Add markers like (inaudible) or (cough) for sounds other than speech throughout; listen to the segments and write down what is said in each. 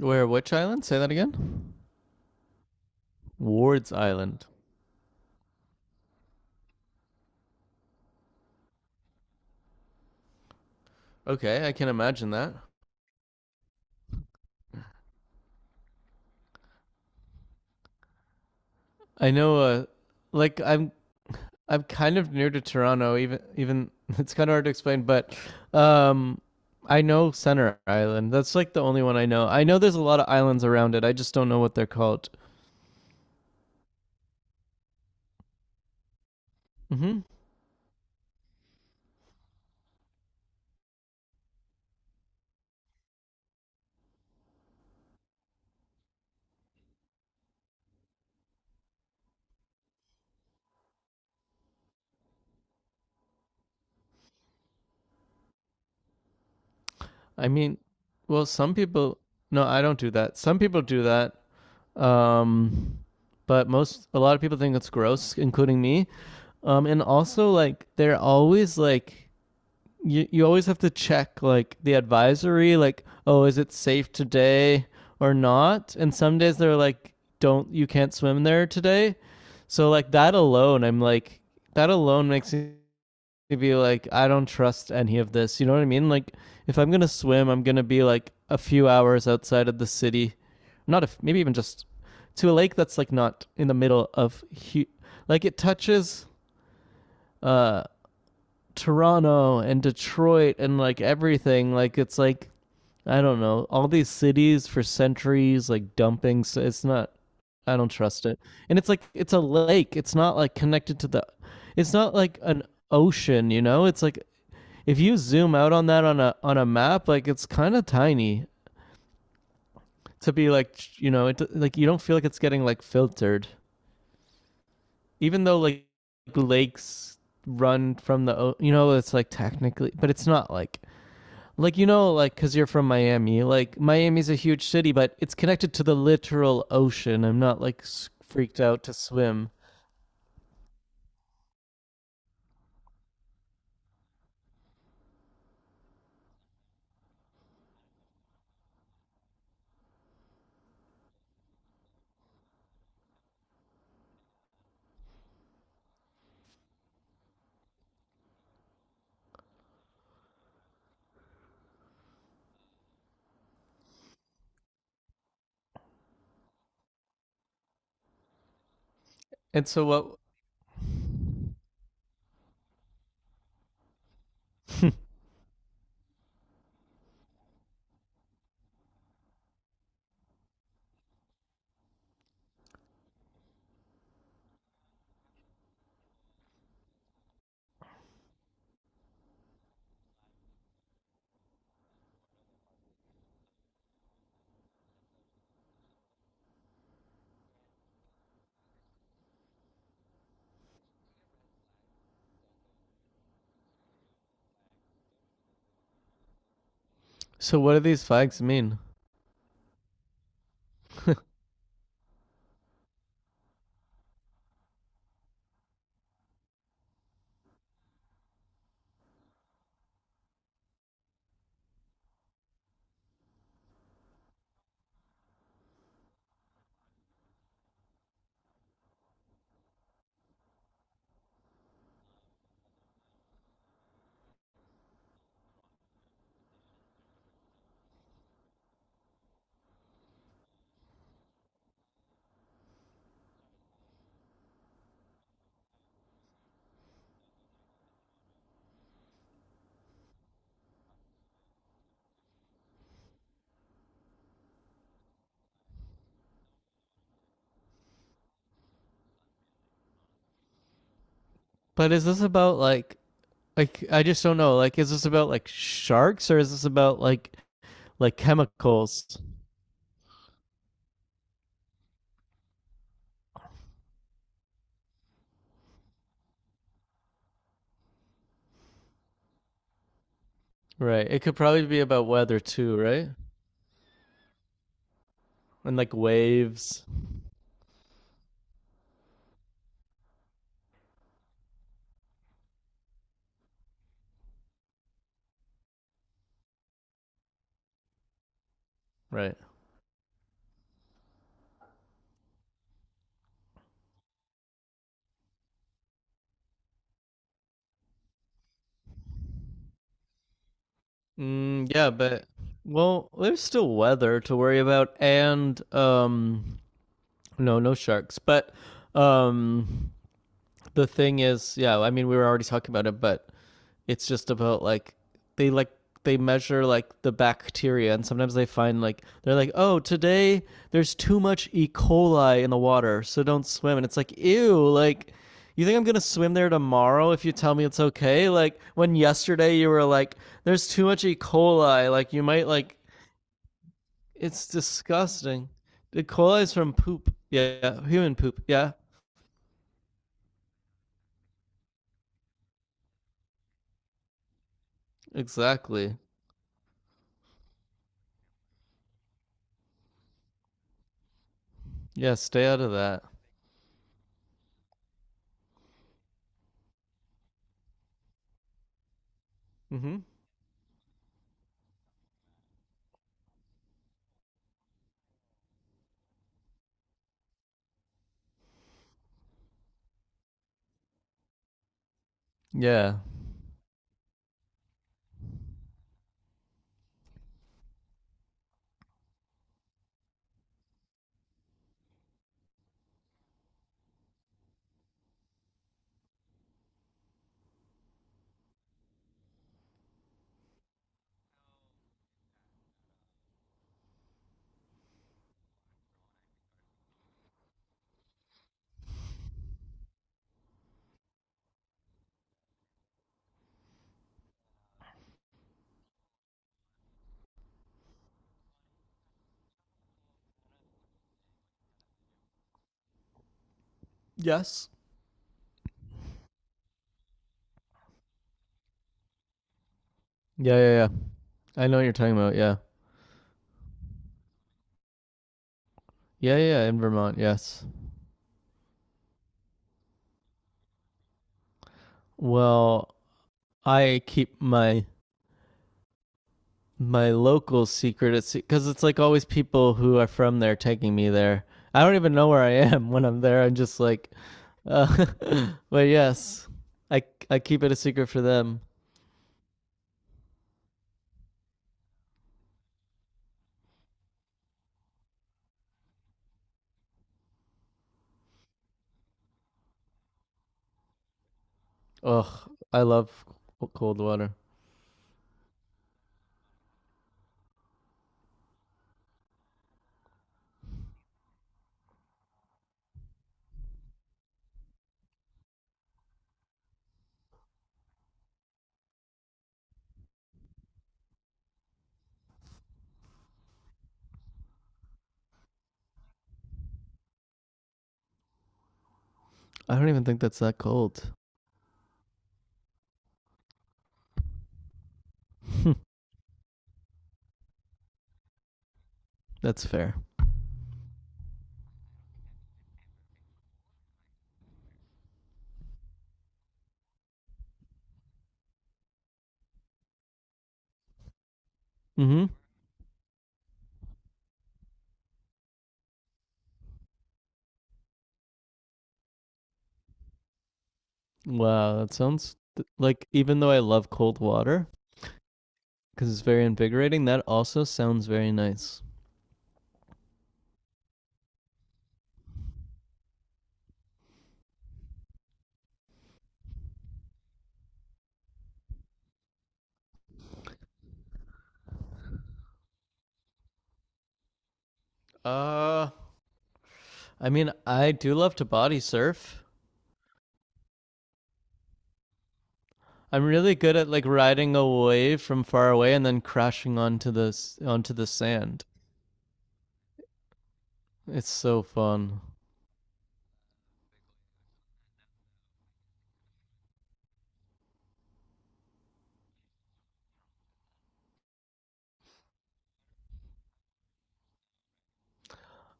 Where? Which island? Say that again. Ward's Island. Okay, I can imagine that. I know. Like I'm kind of near to Toronto. Even (laughs) it's kind of hard to explain, but um, I know Center Island. That's like the only one I know. I know there's a lot of islands around it. I just don't know what they're called. Hmm. I mean, well, some people. No, I don't do that. Some people do that. Um, but most a lot of people think it's gross, including me. And also like they're always like you always have to check like the advisory like, oh, is it safe today or not? And some days they're like, don't, you can't swim there today. So like that alone, I'm like that alone makes me to be like, I don't trust any of this. You know what I mean? Like, if I'm gonna swim, I'm gonna be like a few hours outside of the city, not if maybe even just to a lake that's like not in the middle of hu- like it touches uh Toronto and Detroit and like everything. Like it's like I don't know. All these cities for centuries, like dumping. So it's not. I don't trust it. And it's like it's a lake. It's not like connected to the. It's not like an ocean. You know. It's like if you zoom out on that on a map, like it's kind of tiny to be like, you know, it like you don't feel like it's getting like filtered, even though like lakes run from the, you know, it's like technically, but it's not like. Like you know, like because you're from Miami, like Miami's a huge city, but it's connected to the literal ocean. I'm not like freaked out to swim. And so what? (laughs) So what do these flags mean? But is this about like I just don't know. Like, is this about like sharks or is this about like chemicals? Right. It could probably be about weather too, right? And like waves. Right. Mm, yeah, but well, there's still weather to worry about and no, no sharks. But um the thing is, yeah, I mean we were already talking about it, but it's just about like they measure like the bacteria and sometimes they find like they're like, "Oh, today there's too much E. coli in the water, so don't swim." And it's like, "Ew, like you think I'm going to swim there tomorrow if you tell me it's okay?" Like when yesterday you were like, "There's too much E. coli, like you might like it's disgusting." E. coli is from poop. Yeah, yeah, human poop. Yeah. Exactly. Yeah, stay out of that. Mm-hmm. Yeah. Yes. Yeah, yeah, yeah. I know what you're talking about. Yeah. Yeah, yeah, yeah, in Vermont, yes. Well, I keep my my local secret it's cuz it's like always people who are from there taking me there. I don't even know where I am (laughs) when I'm there. I'm just like uh, (laughs) but yes. I I keep it a secret for them. Ugh, I love cold water. I don't even think that's that cold. (laughs) That's fair. Mm-hmm. Wow, that sounds like even though I love cold water because it's very invigorating, that also sounds very nice. Uh, I mean, I do love to body surf. I'm really good at like riding a wave from far away and then crashing onto the onto the sand. It's so fun.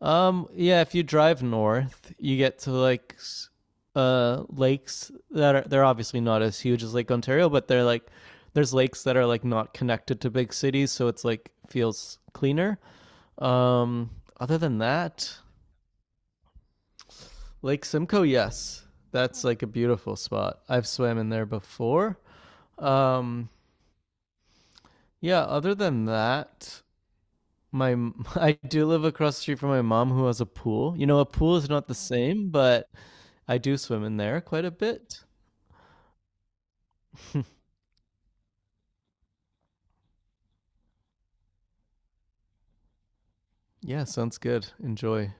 Yeah, if you drive north, you get to like lakes that are they're obviously not as huge as Lake Ontario, but they're like there's lakes that are like not connected to big cities, so it's like feels cleaner. Um, other than that, Lake Simcoe, yes. That's like a beautiful spot. I've swam in there before. Um, yeah, other than that, my (laughs) I do live across the street from my mom who has a pool. You know, a pool is not the same, but I do swim in there quite a bit. (laughs) Yeah, sounds good. Enjoy.